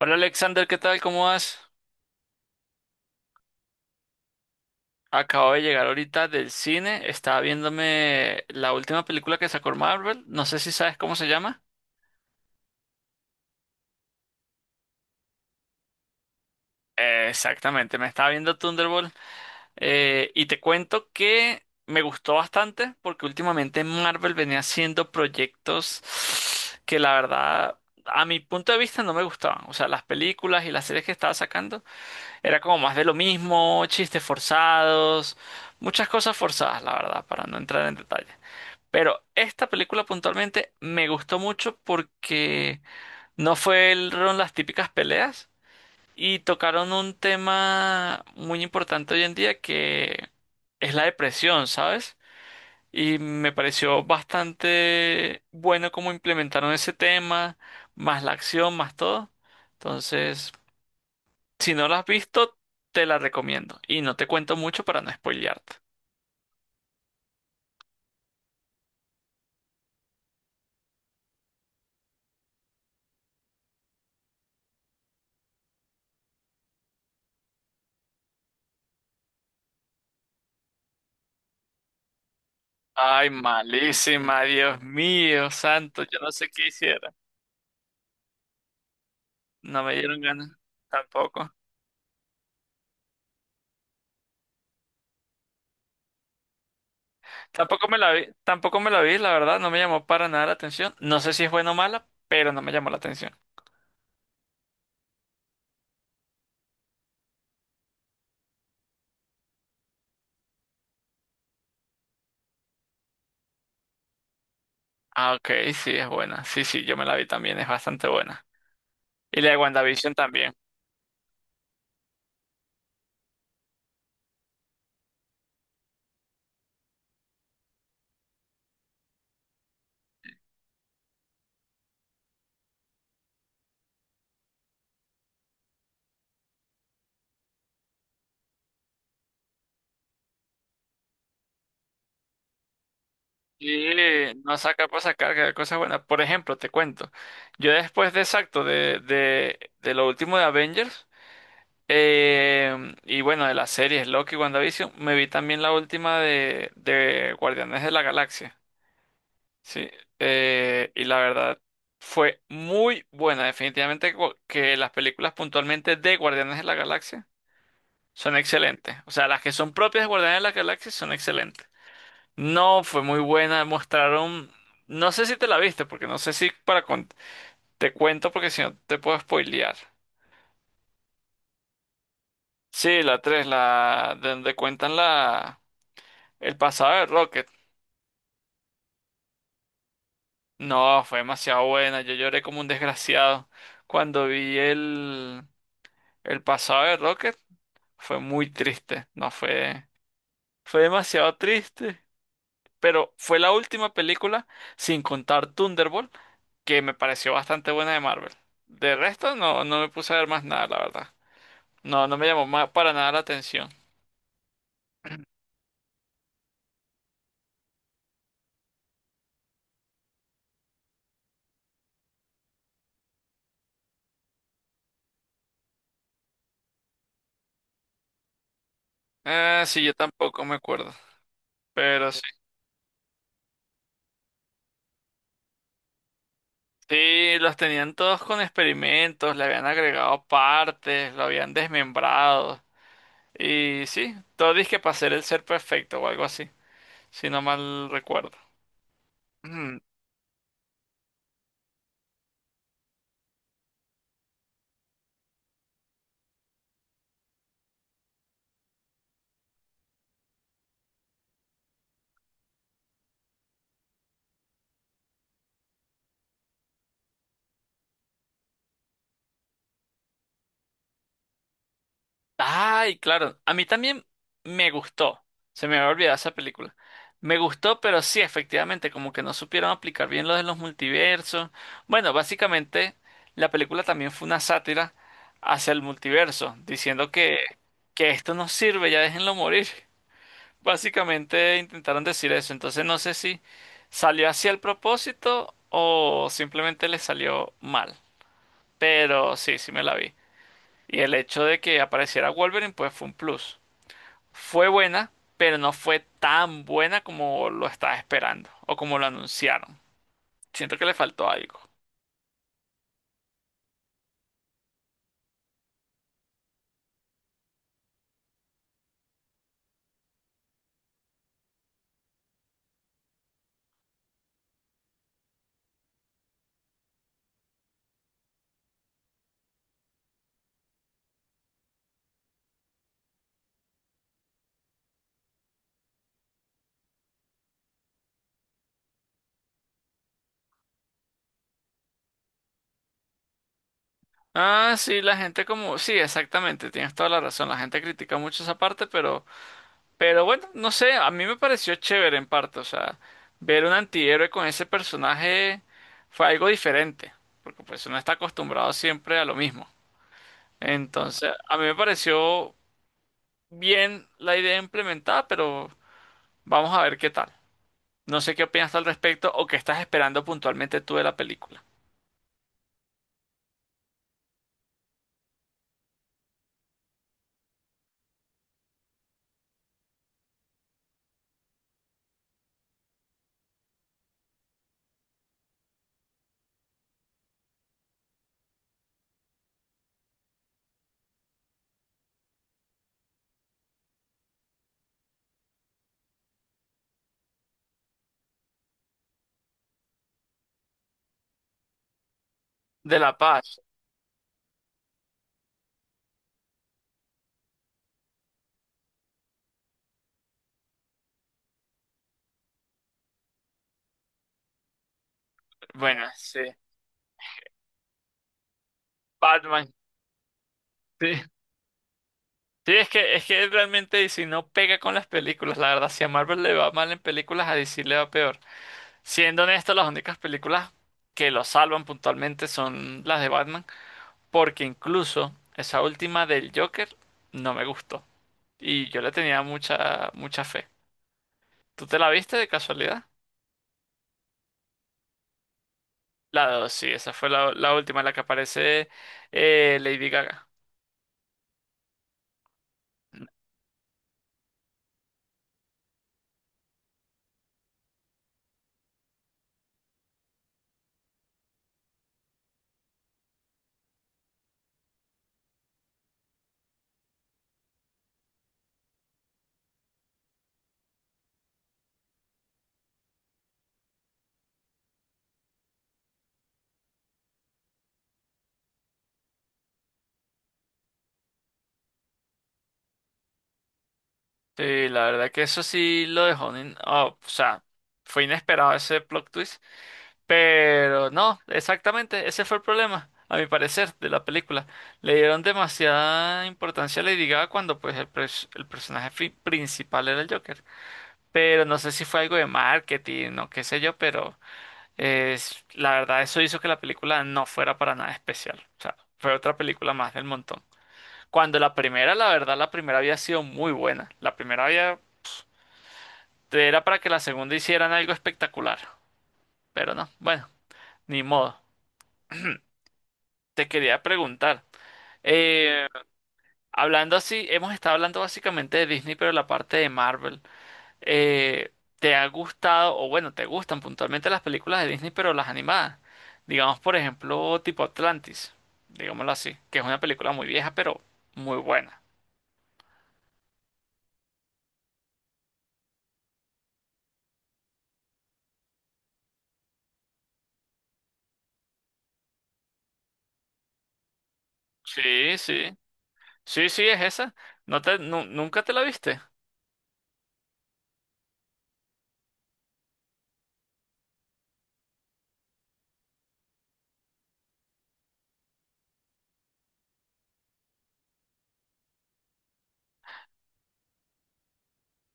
Hola Alexander, ¿qué tal? ¿Cómo vas? Acabo de llegar ahorita del cine, estaba viéndome la última película que sacó Marvel, no sé si sabes cómo se llama. Exactamente, me estaba viendo Thunderbolt, y te cuento que me gustó bastante porque últimamente Marvel venía haciendo proyectos que la verdad, a mi punto de vista no me gustaban. O sea, las películas y las series que estaba sacando era como más de lo mismo, chistes forzados, muchas cosas forzadas, la verdad, para no entrar en detalle. Pero esta película puntualmente me gustó mucho porque no fueron las típicas peleas y tocaron un tema muy importante hoy en día que es la depresión, ¿sabes? Y me pareció bastante bueno cómo implementaron ese tema, más la acción, más todo. Entonces, si no la has visto, te la recomiendo. Y no te cuento mucho para no spoilearte. Ay, malísima, Dios mío, santo, yo no sé qué hiciera. No me dieron ganas. Tampoco. Tampoco me la vi, tampoco me la vi, la verdad, no me llamó para nada la atención. No sé si es buena o mala, pero no me llamó la atención. Ah, ok, sí, es buena. Sí, sí, yo me la vi también, es bastante buena. Y la de WandaVision también. Y no sacar para sacar, que hay cosas buenas. Por ejemplo, te cuento. Yo después de exacto, de lo último de Avengers, y bueno, de las series Loki y WandaVision, me vi también la última de Guardianes de la Galaxia. Sí, y la verdad fue muy buena. Definitivamente que las películas puntualmente de Guardianes de la Galaxia son excelentes. O sea, las que son propias de Guardianes de la Galaxia son excelentes. No, fue muy buena. Mostraron, no sé si te la viste, porque no sé si te cuento, porque si no te puedo spoilear. Sí, la 3, la donde cuentan la el pasado de Rocket. No, fue demasiado buena. Yo lloré como un desgraciado cuando vi el pasado de Rocket. Fue muy triste, no fue, fue demasiado triste, pero fue la última película, sin contar Thunderbolt, que me pareció bastante buena de Marvel. De resto, no, no me puse a ver más nada, la verdad. No, no me llamó para nada la atención. Sí, yo tampoco me acuerdo, pero sí. Sí, los tenían todos con experimentos, le habían agregado partes, lo habían desmembrado. Y sí, todo disque para ser el ser perfecto o algo así, si no mal recuerdo. Mm. Ay, claro. A mí también me gustó. Se me había olvidado esa película. Me gustó, pero sí, efectivamente, como que no supieron aplicar bien lo de los multiversos. Bueno, básicamente, la película también fue una sátira hacia el multiverso, diciendo que esto no sirve, ya déjenlo morir. Básicamente intentaron decir eso. Entonces no sé si salió hacia el propósito o simplemente le salió mal. Pero sí, sí me la vi. Y el hecho de que apareciera Wolverine, pues fue un plus. Fue buena, pero no fue tan buena como lo estaba esperando o como lo anunciaron. Siento que le faltó algo. Ah, sí, la gente como... Sí, exactamente, tienes toda la razón. La gente critica mucho esa parte, pero... Pero bueno, no sé, a mí me pareció chévere en parte. O sea, ver un antihéroe con ese personaje fue algo diferente, porque pues uno está acostumbrado siempre a lo mismo. Entonces, a mí me pareció bien la idea implementada, pero vamos a ver qué tal. No sé qué opinas tú al respecto o qué estás esperando puntualmente tú de la película. De La Paz. Bueno, sí. Batman. Sí. Sí, es que realmente DC no pega con las películas. La verdad, si a Marvel le va mal en películas, a DC le va peor. Siendo honesto, las únicas películas que lo salvan puntualmente son las de Batman. Porque incluso esa última del Joker no me gustó. Y yo le tenía mucha, mucha fe. ¿Tú te la viste de casualidad? La dos, sí, esa fue la última en la que aparece Lady Gaga. Sí, la verdad que eso sí lo dejó. Oh, o sea, fue inesperado ese plot twist. Pero no, exactamente, ese fue el problema, a mi parecer, de la película. Le dieron demasiada importancia a Lady Gaga cuando pues el personaje principal era el Joker. Pero no sé si fue algo de marketing o qué sé yo, pero es, la verdad eso hizo que la película no fuera para nada especial. O sea, fue otra película más del montón. Cuando la primera, la verdad, la primera había sido muy buena. La primera había... Era para que la segunda hicieran algo espectacular. Pero no, bueno, ni modo. Te quería preguntar. eh, Hablando así, hemos estado hablando básicamente de Disney, pero la parte de Marvel. eh, ¿Te ha gustado, o bueno, te gustan puntualmente las películas de Disney, pero las animadas? Digamos, por ejemplo, tipo Atlantis, digámoslo así, que es una película muy vieja, pero muy buena. Sí, sí. Sí, sí, es esa. ¿ Nunca te la viste?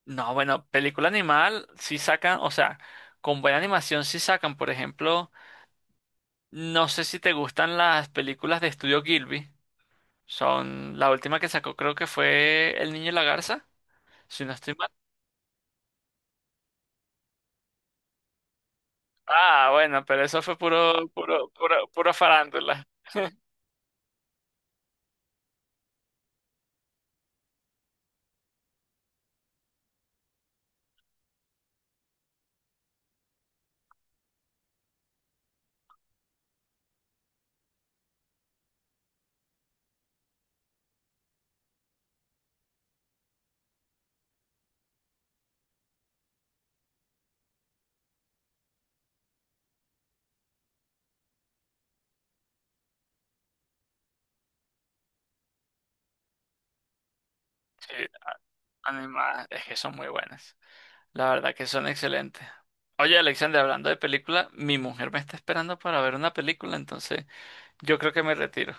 No, bueno, película animal sí sacan, o sea, con buena animación sí sacan, por ejemplo, no sé si te gustan las películas de Estudio Gilby, son la última que sacó creo que fue El Niño y la Garza, si no estoy mal. Ah, bueno, pero eso fue puro farándula. Sí, animadas, es que son muy buenas, la verdad que son excelentes. Oye, Alexander, hablando de película, mi mujer me está esperando para ver una película, entonces yo creo que me retiro.